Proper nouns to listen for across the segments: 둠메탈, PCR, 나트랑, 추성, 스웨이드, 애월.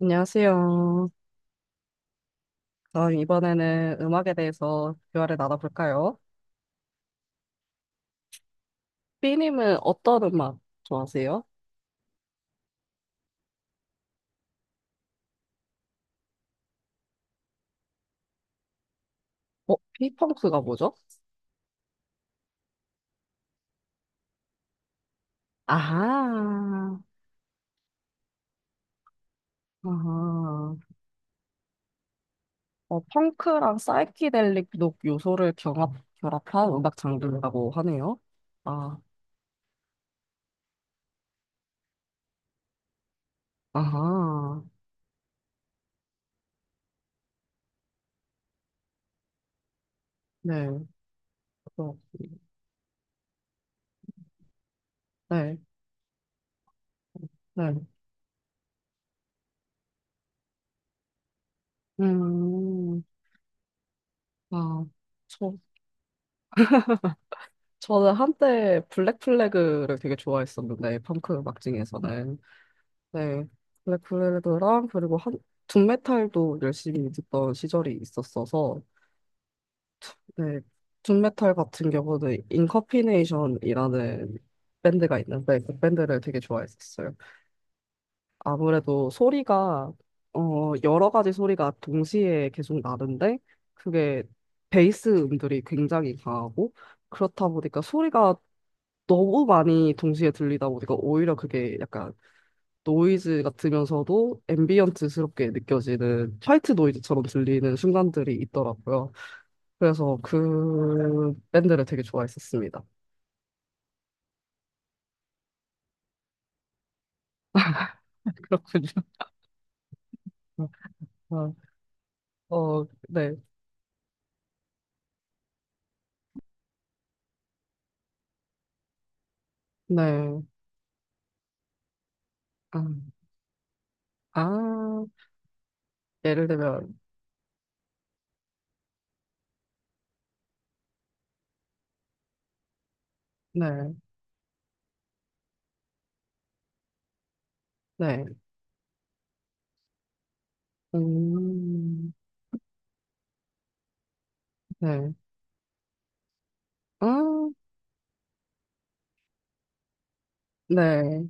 안녕하세요. 그럼 이번에는 음악에 대해서 대화를 나눠볼까요? B님은 어떤 음악 좋아하세요? B펑크가 뭐죠? 아하, 아하. 펑크랑 사이키델릭 녹 요소를 경합, 결합한 음악 장르라고 하네요. 아, 아하. 네, 그렇군요. 네, 네. 음, 아, 저, 저는 한때 블랙플래그를 되게 좋아했었는데, 펑크 음악 중에서는. 네. 블랙플래그랑 그리고 둠메탈도 열심히 듣던 시절이 있었어서, 네. 둠메탈 같은 경우는 인커피네이션이라는 밴드가 있는데, 그 밴드를 되게 좋아했었어요. 아무래도 소리가, 여러 가지 소리가 동시에 계속 나는데, 그게 베이스 음들이 굉장히 강하고, 그렇다 보니까 소리가 너무 많이 동시에 들리다 보니까 오히려 그게 약간 노이즈 같으면서도 앰비언트스럽게 느껴지는 화이트 노이즈처럼 들리는 순간들이 있더라고요. 그래서 그 밴드를 되게 좋아했었습니다. 그렇군요. 어, 네, 네. 아, 아, 예를 들면, 네, 네, 음, 네, 아, 네,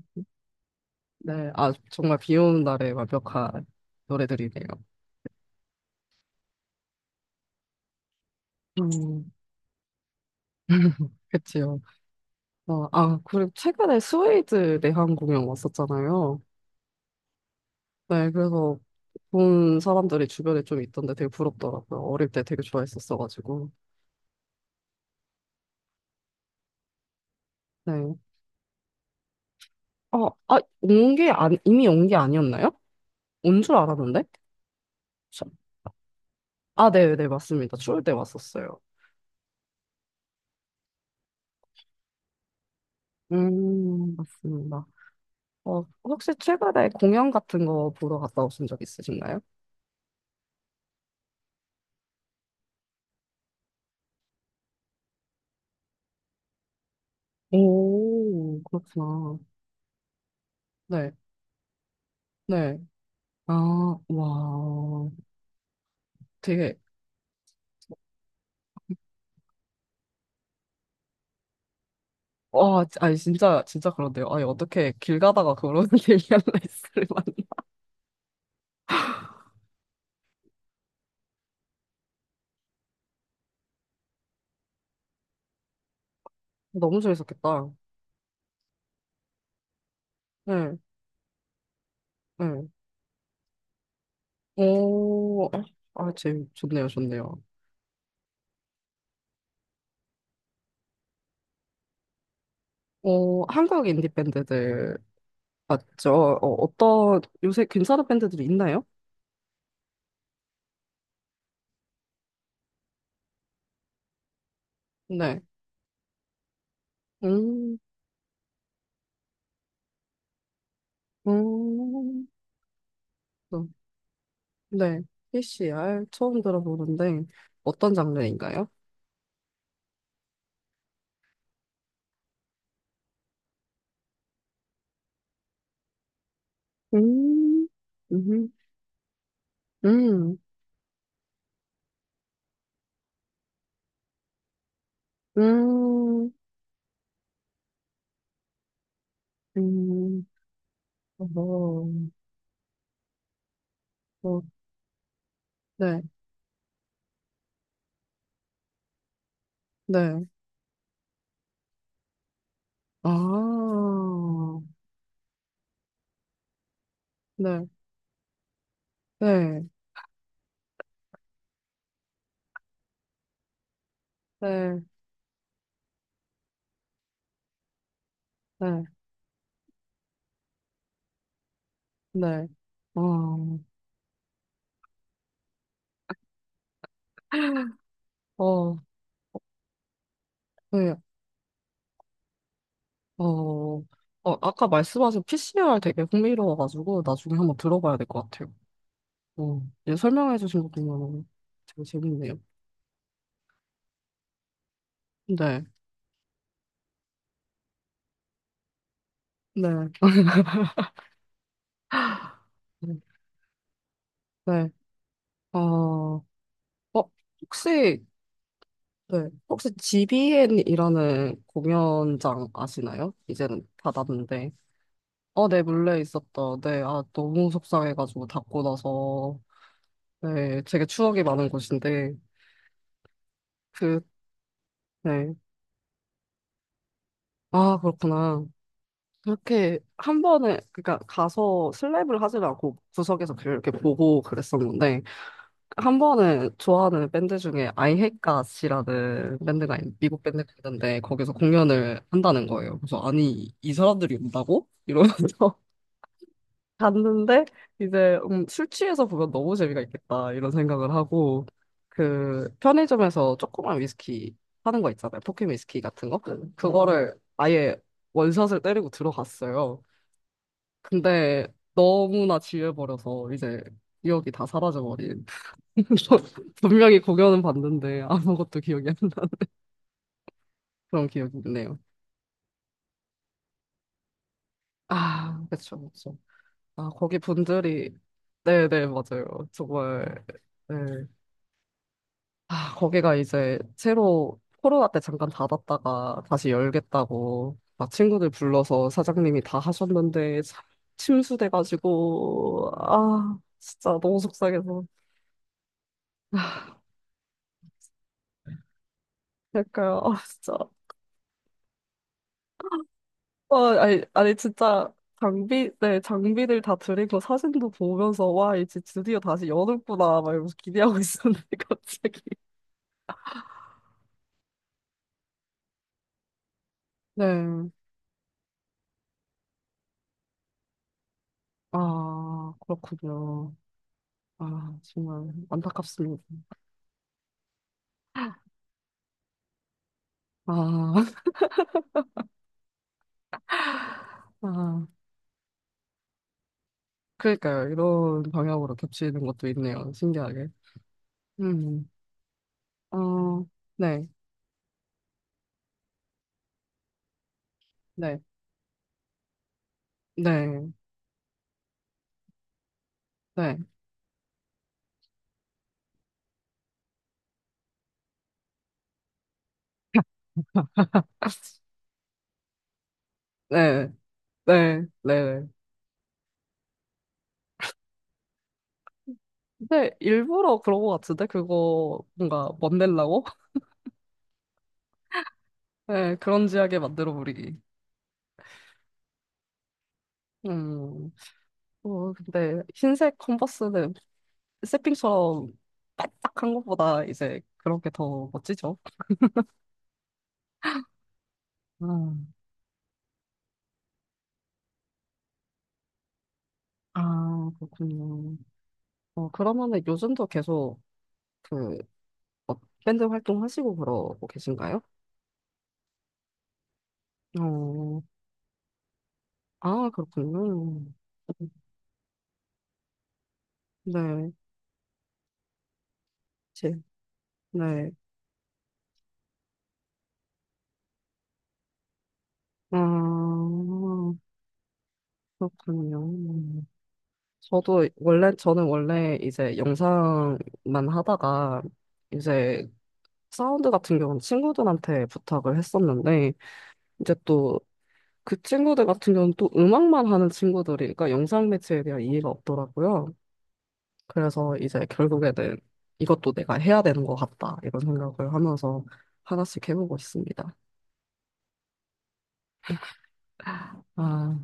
네. 아, 정말 비 오는 날에 완벽한 노래들이네요. 음, 그치요. 아, 그리고 최근에 스웨이드 내한 공연 왔었잖아요. 네, 그래서 본 사람들이 주변에 좀 있던데 되게 부럽더라고요. 어릴 때 되게 좋아했었어가지고. 네. 아, 온 게, 안, 이미 온 게 아니었나요? 온 줄 알았는데? 저- 아, 네, 네, 맞습니다. 추울 때 왔었어요. 맞습니다. 혹시 최근에 공연 같은 거 보러 갔다 오신 적 있으신가요? 오, 그렇구나. 네, 네. 아, 와. 되게 와, 아니, 진짜, 진짜 그런데요. 아니, 어떻게 길 가다가 그런 데이안 라이스를 만나. 너무 재밌었겠다. 네, 네. 오, 아, 좋네요, 좋네요. 한국 인디 밴드들 맞죠? 요새 괜찮은 밴드들이 있나요? 네. 음, 음, 어, 네. PCR 처음 들어보는데, 어떤 장르인가요? 음, 음, 음, 음, 음, 어, 어, 네, 네. 아, 네, 네, 네, 네, 네. 어, 어, 네, 어, 아까 말씀하신 PCR 되게 흥미로워가지고 나중에 한번 들어봐야 될 것 같아요. 이제 설명해주신 것도 너무 되게 재밌네요. 네, 네, 네. 네. 어, 어, 혹시, 네, 혹시 GBN이라는 공연장 아시나요? 이제는 다 났는데. 네, 몰래 있었다. 네, 아, 너무 속상해가지고 닫고 나서. 네, 되게 추억이 많은 곳인데. 그, 네. 아, 그렇구나. 그렇게 한 번에, 그러니까 가서 슬랩을 하질 않고 구석에서 그렇게 보고 그랬었는데, 한 번은 좋아하는 밴드 중에 I Hate Gods이라는 밴드가, 미국 밴드가 있는데, 거기서 공연을 한다는 거예요. 그래서, 아니, 이 사람들이 온다고? 이러면서. 갔는데 술 취해서 보면 너무 재미가 있겠다 이런 생각을 하고 그 편의점에서 조그만 위스키 파는 거 있잖아요. 포켓 위스키 같은 거, 그거를 아예 원샷을 때리고 들어갔어요. 근데 너무나 지혜버려서 이제 기억이 다 사라져버린, 분명히 공연은 봤는데 아무것도 기억이 안 나. 그런 기억이 있네요. 아, 그쵸, 그쵸. 아, 거기 분들이, 네네 맞아요, 정말. 네. 아, 거기가 이제 새로 코로나 때 잠깐 닫았다가 다시 열겠다고 막 친구들 불러서 사장님이 다 하셨는데 참 침수돼가지고 아 진짜 너무 속상해서. 그러니까 아 진짜. 아 아니 아니 진짜 장비들 다 드리고 사진도 보면서 와 이제 드디어 다시 여는구나 막 이러면서 기대하고 있었는데 갑자기. 네. 아, 그렇군요. 아, 정말 안타깝습니다. 아, 아. 그러니까요. 이런 방향으로 겹치는 것도 있네요. 신기하게. 음, 어, 네, 네, 네, 네. 네, 네, 네. 네. 근데 일부러 그런 것 같은데? 그거 뭔가 멋내려고? 네, 그런지하게 만들어 버리기. 음, 근데 흰색 컨버스는 세핑처럼 반짝한 것보다 이제 그런 게 더 멋지죠? 음, 아, 그렇군요. 그러면은 요즘도 계속 그 어, 밴드 활동하시고 그러고 계신가요? 어, 아, 그렇군요. 네, 제, 네. 아, 그렇군요. 저는 원래 이제 영상만 하다가 이제 사운드 같은 경우는 친구들한테 부탁을 했었는데 이제 또 그 친구들 같은 경우는 또 음악만 하는 친구들이, 그러니까 영상 매체에 대한 이해가 없더라고요. 그래서 이제 결국에는 이것도 내가 해야 되는 것 같다, 이런 생각을 하면서 하나씩 해보고 있습니다. 아,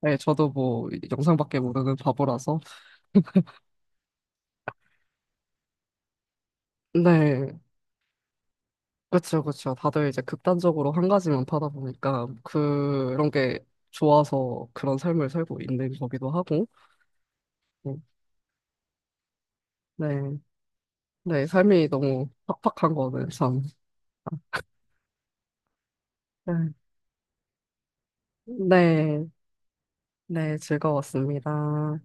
네, 저도 뭐 영상밖에 모르는 바보라서. 네, 그쵸, 그쵸. 다들 이제 극단적으로 한 가지만 파다 보니까 그런 게 좋아서 그런 삶을 살고 있는 거기도 하고. 네, 네, 삶이 너무 팍팍한 거는 참. 네, 네, 네, 즐거웠습니다.